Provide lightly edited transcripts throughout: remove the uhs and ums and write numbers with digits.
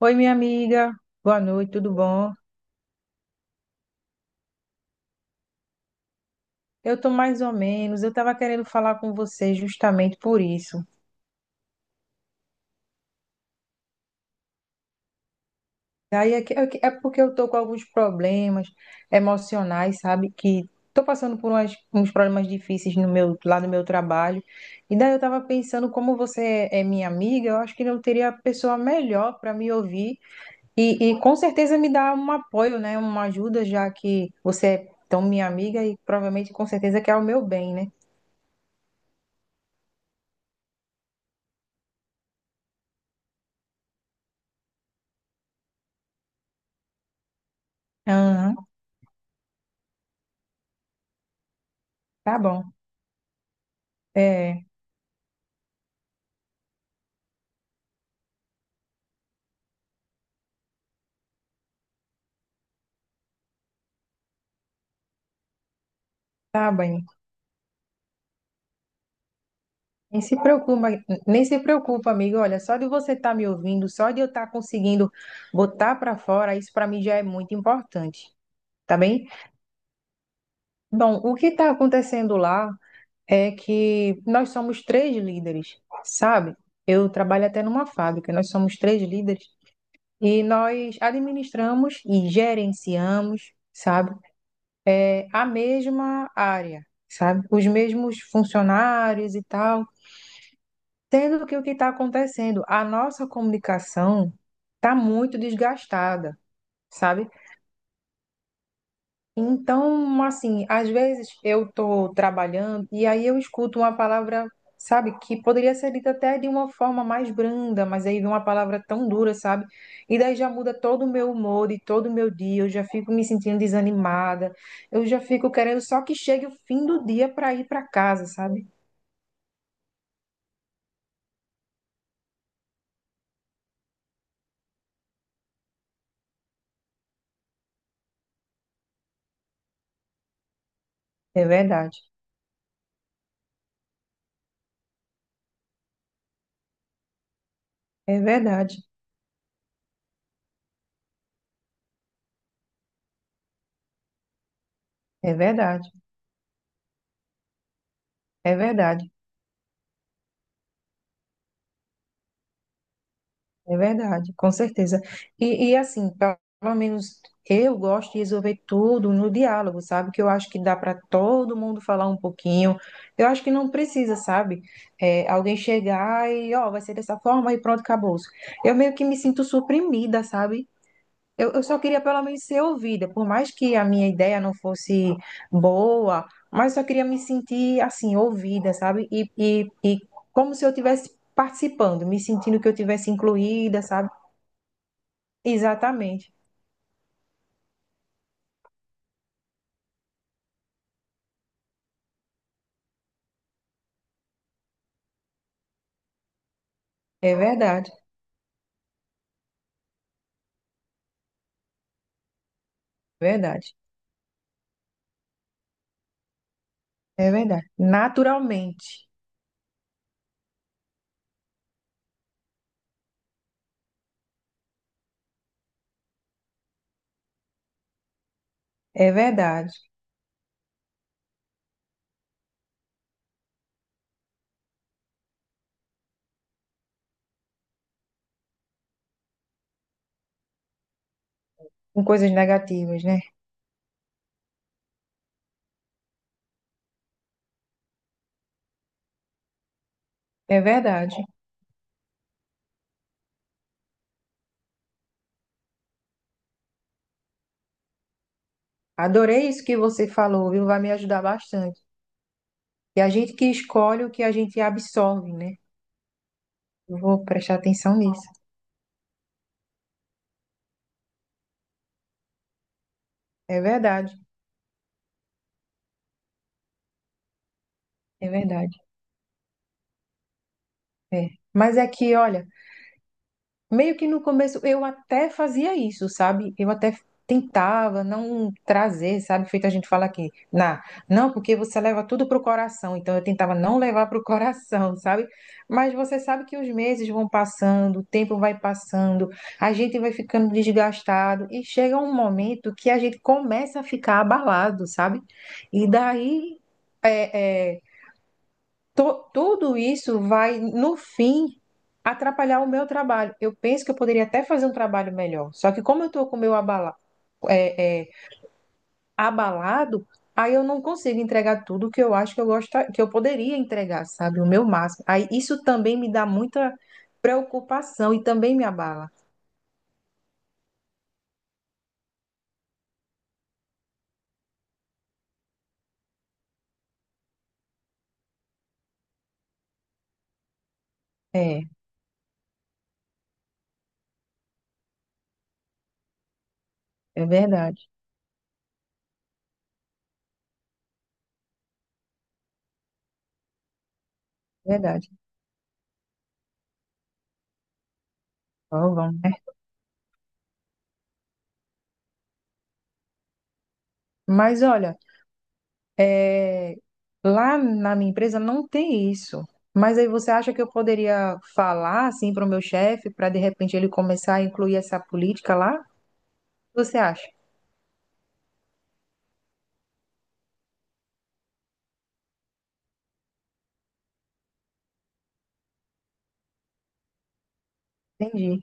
Oi, minha amiga. Boa noite, tudo bom? Eu tô mais ou menos. Eu estava querendo falar com você justamente por isso. Daí é porque eu tô com alguns problemas emocionais, sabe? Que tô passando uns problemas difíceis lá no meu trabalho. E daí eu estava pensando, como você é minha amiga, eu acho que não teria pessoa melhor para me ouvir e com certeza me dar um apoio, né? Uma ajuda, já que você é tão minha amiga e provavelmente com certeza quer o meu bem, né? Aham, tá bom. É, tá bem. Nem se preocupa, nem se preocupa, amigo. Olha, só de você estar me ouvindo, só de eu estar conseguindo botar para fora, isso para mim já é muito importante, tá bem? Bom, o que está acontecendo lá é que nós somos três líderes, sabe? Eu trabalho até numa fábrica, nós somos três líderes e nós administramos e gerenciamos, sabe? É, a mesma área, sabe? Os mesmos funcionários e tal. Sendo que o que está acontecendo, a nossa comunicação está muito desgastada, sabe? Então, assim, às vezes eu estou trabalhando e aí eu escuto uma palavra, sabe, que poderia ser dita até de uma forma mais branda, mas aí vem uma palavra tão dura, sabe? E daí já muda todo o meu humor e todo o meu dia, eu já fico me sentindo desanimada, eu já fico querendo só que chegue o fim do dia para ir para casa, sabe? É verdade, é verdade, é verdade, é verdade. É verdade, com certeza. E assim, pelo menos eu gosto de resolver tudo no diálogo, sabe? Que eu acho que dá para todo mundo falar um pouquinho. Eu acho que não precisa, sabe? É, alguém chegar e, ó, vai ser dessa forma e pronto, acabou. Eu meio que me sinto suprimida, sabe? Eu só queria pelo menos ser ouvida, por mais que a minha ideia não fosse boa, mas só queria me sentir assim, ouvida, sabe? E como se eu tivesse participando, me sentindo que eu tivesse incluída, sabe? Exatamente. É verdade, verdade, é verdade. Naturalmente, é verdade. Com coisas negativas, né? É verdade. Adorei isso que você falou, viu? Vai me ajudar bastante. E a gente que escolhe o que a gente absorve, né? Eu vou prestar atenção nisso. É verdade, é verdade. É. Mas é que, olha. Meio que no começo eu até fazia isso, sabe? Eu até tentava não trazer, sabe? Feito a gente fala aqui, na, não, porque você leva tudo pro coração. Então eu tentava não levar pro coração, sabe? Mas você sabe que os meses vão passando, o tempo vai passando, a gente vai ficando desgastado e chega um momento que a gente começa a ficar abalado, sabe? E daí é, é, tudo isso vai, no fim, atrapalhar o meu trabalho. Eu penso que eu poderia até fazer um trabalho melhor. Só que como eu estou com o meu abala, é, é, abalado, aí eu não consigo entregar tudo que eu acho que eu gosto, que eu poderia entregar, sabe? O meu máximo. Aí isso também me dá muita preocupação e também me abala. É, é verdade, é verdade. Então, vamos. Mas olha. É, lá na minha empresa não tem isso. Mas aí você acha que eu poderia falar assim para o meu chefe, para de repente ele começar a incluir essa política lá? Você acha? Entendi.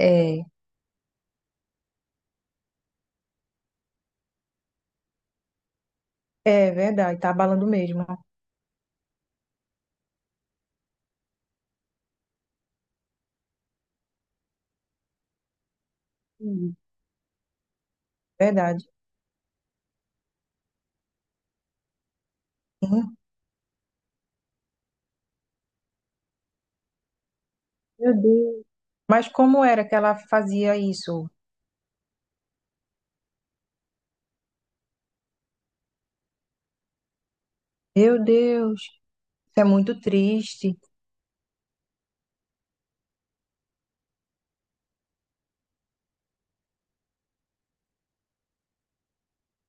É, é verdade, tá abalando mesmo. Hum, Verdade. Sim. Meu Deus. Mas como era que ela fazia isso? Meu Deus, isso é muito triste.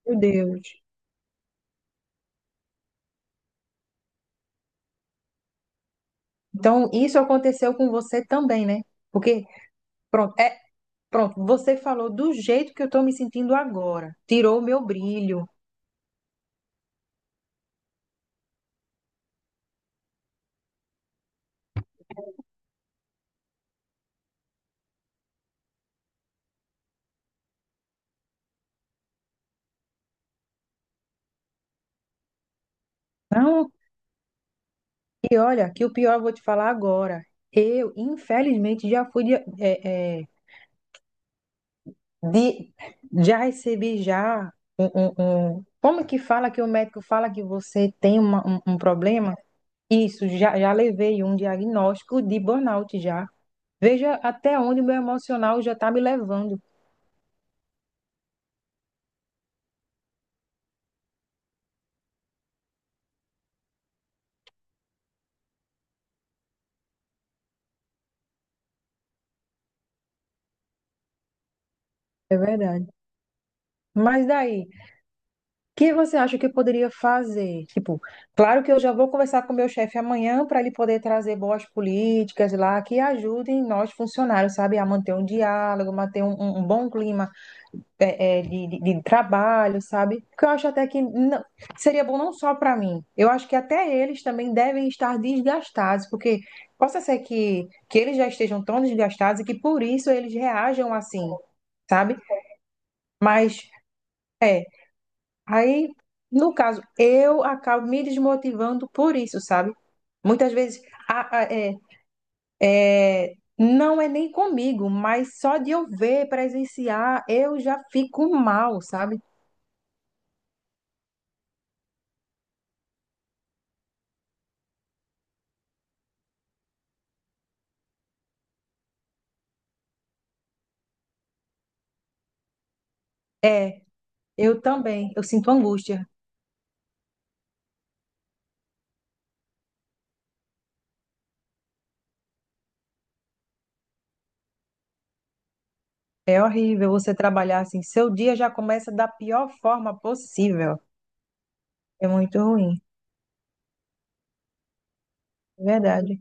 Meu Deus. Então, isso aconteceu com você também, né? Porque, pronto, pronto, você falou do jeito que eu estou me sentindo agora. Tirou o meu brilho. Não, e olha, que o pior eu vou te falar agora. Eu, infelizmente, já fui de, é, é, de- já recebi já Como que fala que o médico fala que você tem um problema? Isso, já, já levei um diagnóstico de burnout já. Veja até onde o meu emocional já está me levando. É verdade. Mas daí? O que você acha que eu poderia fazer? Tipo, claro que eu já vou conversar com o meu chefe amanhã para ele poder trazer boas políticas lá que ajudem nós funcionários, sabe, a manter um diálogo, manter um bom clima de trabalho, sabe? Porque eu acho até que não- seria bom não só para mim, eu acho que até eles também devem estar desgastados, porque possa ser que eles já estejam tão desgastados e que por isso eles reajam assim, sabe? Mas. É. Aí, no caso, eu acabo me desmotivando por isso, sabe? Muitas vezes a- a- é, não é nem comigo, mas só de eu ver, presenciar, eu já fico mal, sabe? É, eu também, eu sinto angústia. É horrível você trabalhar assim, seu dia já começa da pior forma possível. É muito ruim, é verdade.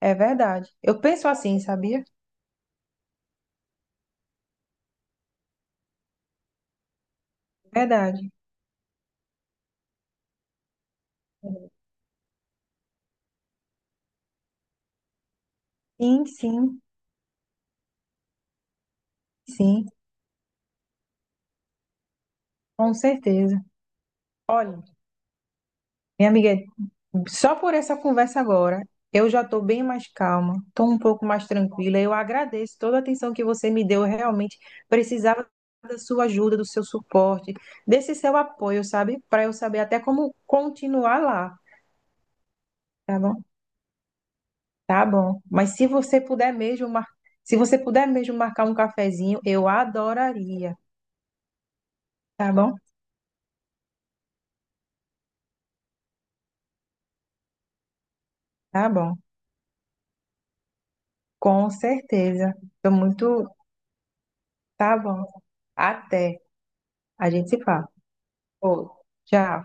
É verdade. Eu penso assim, sabia? Verdade. Sim, sim, sim, com certeza. Olha, minha amiga, só por essa conversa agora, eu já estou bem mais calma, estou um pouco mais tranquila. Eu agradeço toda a atenção que você me deu. Eu realmente precisava da sua ajuda, do seu suporte, desse seu apoio, sabe? Para eu saber até como continuar lá, tá bom? Tá bom. Mas se você puder mesmo, mar... se você puder mesmo marcar um cafezinho, eu adoraria, tá bom? Tá bom. Com certeza. Estou muito. Tá bom. Até. A gente se fala. Ô, tchau.